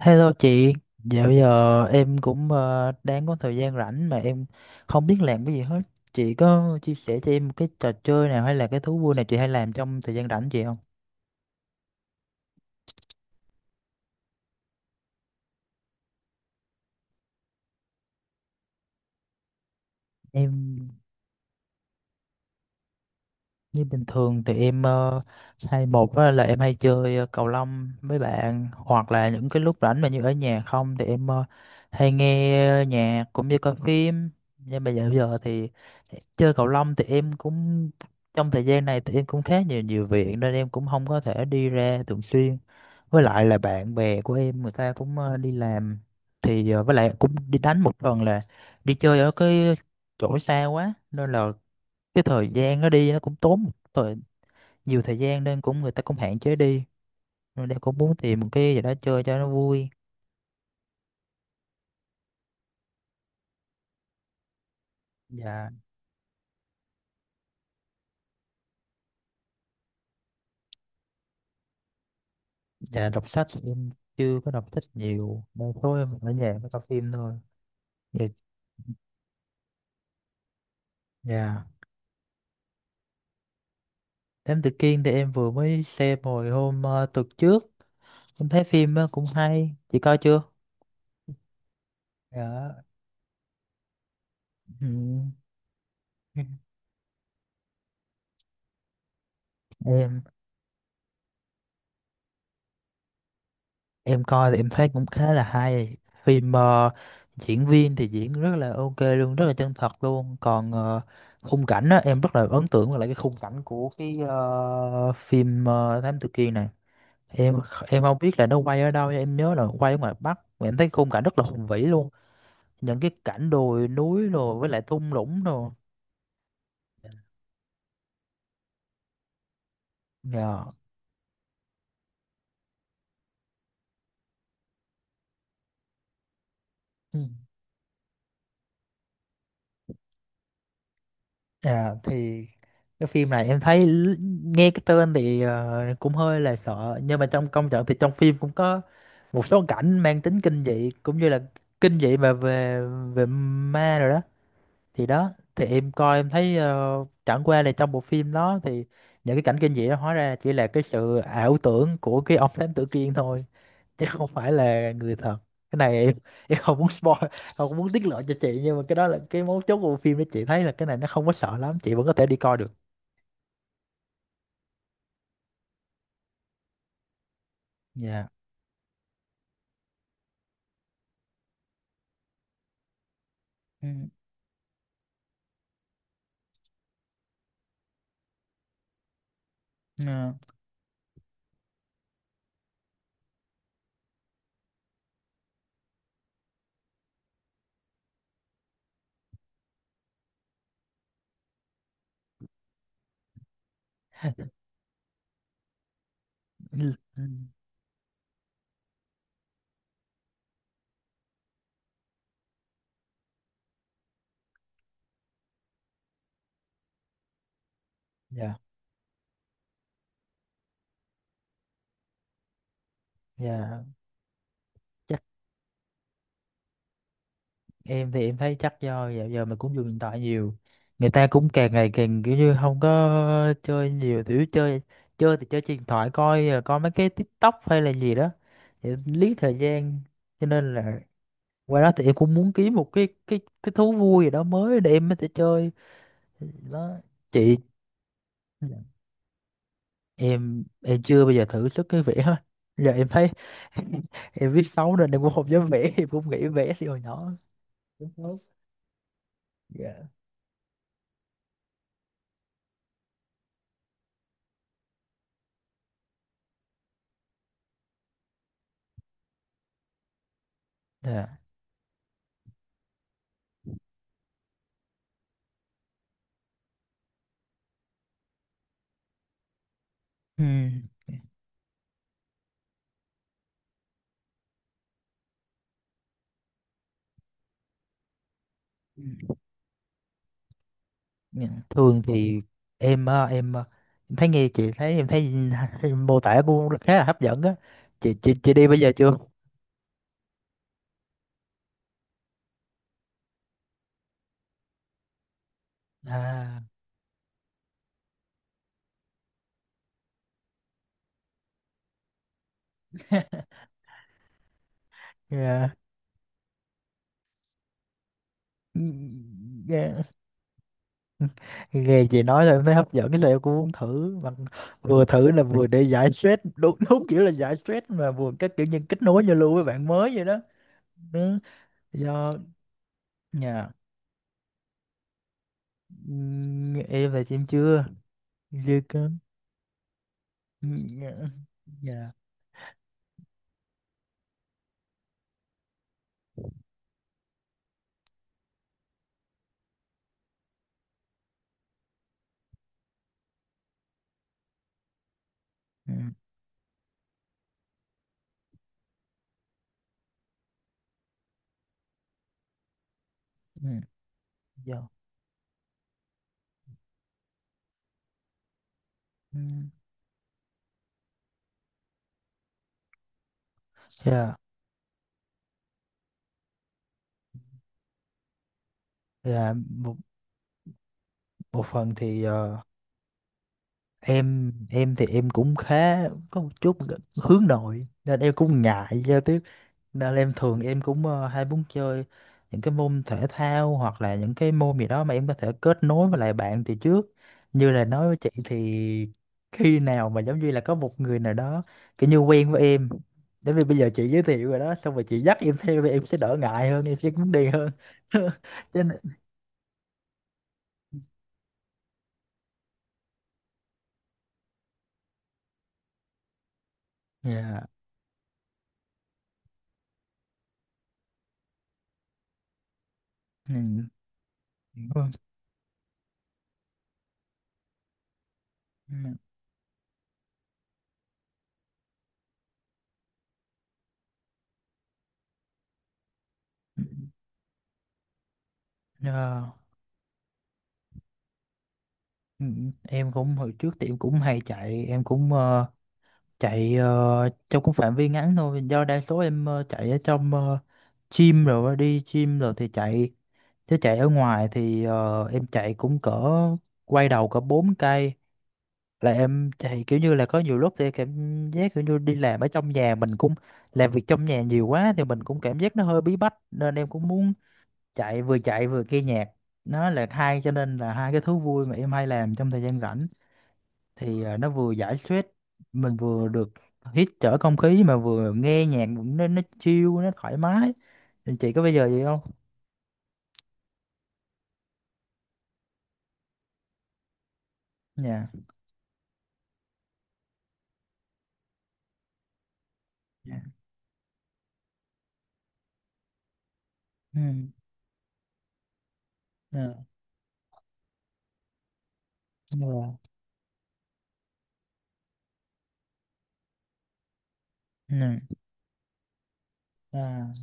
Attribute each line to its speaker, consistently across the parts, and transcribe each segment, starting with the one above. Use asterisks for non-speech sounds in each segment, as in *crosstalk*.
Speaker 1: Hello chị, dạo giờ em cũng đang có thời gian rảnh mà em không biết làm cái gì hết. Chị có chia sẻ cho em một cái trò chơi nào hay là cái thú vui nào chị hay làm trong thời gian rảnh chị không? Em như bình thường thì em hay một á là em hay chơi cầu lông với bạn, hoặc là những cái lúc rảnh mà như ở nhà không thì em hay nghe nhạc cũng như coi phim. Nhưng mà dạo giờ thì chơi cầu lông thì em cũng trong thời gian này thì em cũng khá nhiều nhiều việc nên em cũng không có thể đi ra thường xuyên, với lại là bạn bè của em người ta cũng đi làm, thì với lại cũng đi đánh một phần là đi chơi ở cái chỗ xa quá nên là cái thời gian nó đi nó cũng tốn nhiều thời gian nên cũng người ta cũng hạn chế đi, nên em cũng muốn tìm một cái gì đó chơi cho nó vui. và và đọc sách thì em chưa có đọc sách nhiều, một số em ở nhà mới coi phim thôi. Dạ. Dạ. Thám Tử Kiên thì em vừa mới xem hồi hôm tuần trước, em thấy phim cũng hay, chị coi chưa? Dạ, ừ. *laughs* em em coi thì em thấy cũng khá là hay. Phim diễn viên thì diễn rất là ok luôn, rất là chân thật luôn. Còn khung cảnh á, em rất là ấn tượng với lại cái khung cảnh của cái phim Thám Tử Kiên này. em em không biết là nó quay ở đâu, em nhớ là quay ở ngoài Bắc mà em thấy khung cảnh rất là hùng vĩ luôn, những cái cảnh đồi núi rồi với lại thung lũng rồi. Dạ. Ừ. À, thì cái phim này em thấy nghe cái tên thì cũng hơi là sợ, nhưng mà trong công trận thì trong phim cũng có một số cảnh mang tính kinh dị cũng như là kinh dị mà về về ma rồi đó. Thì đó thì em coi em thấy chẳng qua là trong bộ phim đó thì những cái cảnh kinh dị đó hóa ra chỉ là cái sự ảo tưởng của cái ông thám tử Kiên thôi, chứ không phải là người thật. Cái này em không muốn spoil, không có muốn tiết lộ cho chị, nhưng mà cái đó là cái mấu chốt của bộ phim đó, chị thấy là cái này nó không có sợ lắm, chị vẫn có thể đi coi được. Dạ. Ừ. Ờ. Ừ, ừ, dạ. Dạ, chắc em thì em thấy chắc do dạo giờ mình cũng dùng điện thoại nhiều, người ta cũng càng ngày càng kiểu như không có chơi nhiều kiểu chơi. Chơi thì chơi trên điện thoại, coi coi mấy cái TikTok hay là gì đó để giết thời gian. Cho nên là qua đó thì em cũng muốn kiếm một cái thú vui gì đó mới để em có thể chơi đó chị. Em chưa bao giờ thử sức cái vẽ hết, giờ em thấy *laughs* em viết xấu nên em cũng không dám vẽ, em cũng nghĩ vẽ xí hồi nhỏ, đúng không? Dạ. Dạ. Ừ. Dạ. Thường thì em em em thấy nghe chị thấy em thấy *laughs* em mô tả cũng khá là hấp dẫn á, chị đi bây giờ chưa? À, dạ. Ừ, dạ. Nghe chị nói là em thấy hấp dẫn cái là em cũng muốn thử mà, vừa thử là vừa để giải stress, đúng đúng kiểu là giải stress mà vừa các kiểu như kết nối giao lưu với bạn mới vậy đó. Ừ. Do nhà em là em chưa, chưa có. Nhà. Nhà. Do ừm, dạ. Ừ. Dạ. Dạ, một một phần thì em thì em cũng khá có một chút hướng nội nên em cũng ngại giao tiếp. Nên em thường em cũng hay muốn chơi những cái môn thể thao hoặc là những cái môn gì đó mà em có thể kết nối với lại bạn từ trước. Như là nói với chị thì khi nào mà giống như là có một người nào đó kiểu như quen với em. Đến vì bây giờ chị giới thiệu rồi đó, xong rồi chị dắt em theo thì em sẽ đỡ ngại hơn, em sẽ muốn đi hơn. *laughs* Cho nên... Dạ. Ừ. Vâng. Ừ. Ờ, ừ, em cũng hồi trước thì em cũng hay chạy, em cũng chạy trong cũng phạm vi ngắn thôi, do đa số em chạy ở trong gym rồi á, đi gym rồi thì chạy. Chứ chạy ở ngoài thì em chạy cũng cỡ quay đầu cỡ 4 cây, là em chạy kiểu như là có nhiều lúc thì cảm giác kiểu như đi làm ở trong nhà, mình cũng làm việc trong nhà nhiều quá thì mình cũng cảm giác nó hơi bí bách, nên em cũng muốn chạy, vừa chạy vừa nghe nhạc. Nó là hai, cho nên là hai cái thú vui mà em hay làm trong thời gian rảnh, thì à, nó vừa giải stress mình, vừa được hít thở không khí mà vừa nghe nhạc cũng nó chill nó thoải mái. Thì chị có bây giờ gì không? Dạ. Dạ. Ừ. Dạ. Dạ. Ừ. Dạ.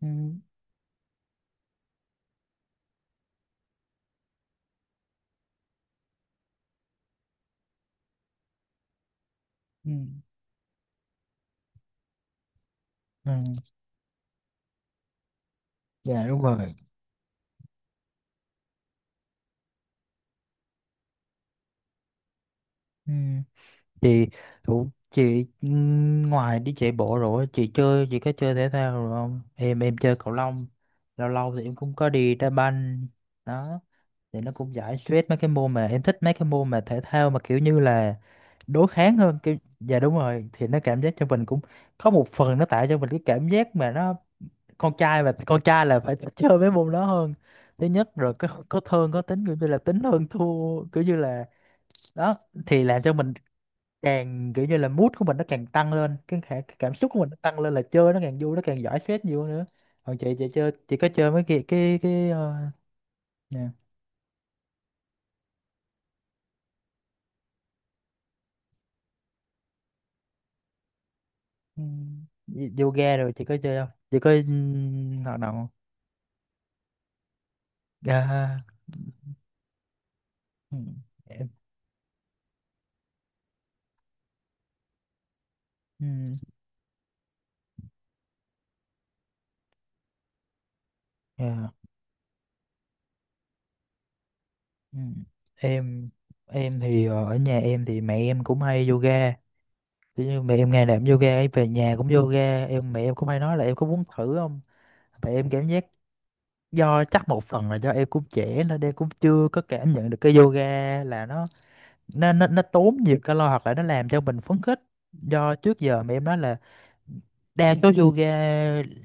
Speaker 1: Ừ. Ừ. Ừ. Dạ đúng rồi. Ừ. Chị thủ chị ngoài đi chạy bộ rồi chị chơi chị có chơi thể thao rồi không? Em em chơi cầu lông, lâu lâu thì em cũng có đi đá banh đó. Thì nó cũng giải stress, mấy cái môn mà em thích, mấy cái môn mà thể thao mà kiểu như là đối kháng hơn kiểu, dạ đúng rồi, thì nó cảm giác cho mình cũng có một phần nó tạo cho mình cái cảm giác mà nó con trai và con trai là phải *laughs* chơi mấy môn đó hơn, thứ nhất rồi có thương có tính kiểu như là tính hơn thua kiểu như là đó, thì làm cho mình càng kiểu như là mood của mình nó càng tăng lên, cái cảm xúc của mình nó tăng lên là chơi nó càng vui, nó càng giải stress nhiều hơn nữa. Còn chị chơi chị có chơi mấy cái Ừ. Y- Yoga rồi chị có chơi không? Chị có hoạt động không? Dạ, ừ. Em ừm, dạ, ừm. Em em thì ở nhà em thì mẹ em cũng hay yoga. Kiểu như mẹ em ngày nào cũng yoga, ấy, về nhà cũng yoga. Em mẹ em cũng hay nói là em có muốn thử không? Mẹ em cảm giác do chắc một phần là do em cũng trẻ nên em cũng chưa có cảm nhận được cái yoga là nó tốn nhiều calo hoặc là nó làm cho mình phấn khích. Do trước giờ mà em nói là đa số yoga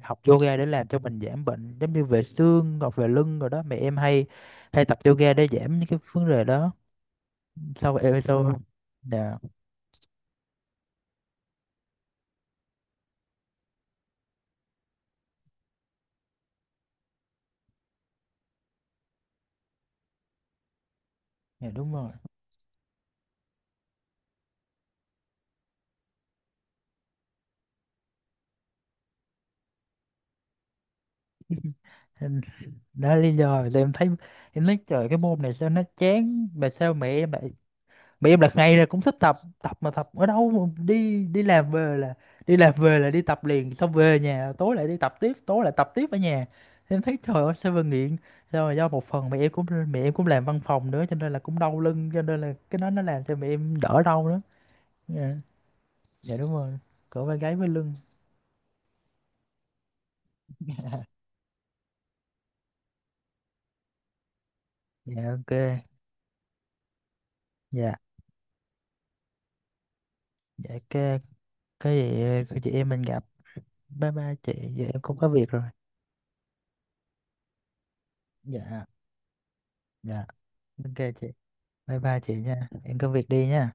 Speaker 1: học yoga để làm cho mình giảm bệnh, giống như về xương hoặc về lưng rồi đó, mẹ em hay hay tập yoga để giảm những cái vấn đề đó. Sau em sau. Dạ. Dạ đúng rồi. Em- đó là lý do mà em thấy em nói trời cái môn này sao nó chán, mà sao mẹ em lại, mà em là ngày nào cũng thích tập tập, mà tập ở đâu mà đi đi làm về là đi làm về là đi tập liền, xong về nhà tối lại đi tập tiếp, tối lại tập tiếp ở nhà. Thì em thấy trời ơi sao mà nghiện, sao mà do một phần mẹ em cũng làm văn phòng nữa cho nên là cũng đau lưng, cho nên là cái đó nó làm cho mẹ em đỡ đau nữa. Dạ. Dạ đúng rồi, cổ vai gáy với lưng. Dạ ok. Dạ. Dạ ok. Cái gì cái chị em mình gặp, bye bye chị, giờ em cũng có việc rồi. Dạ. Dạ ok chị, bye bye chị nha, em có việc đi nha.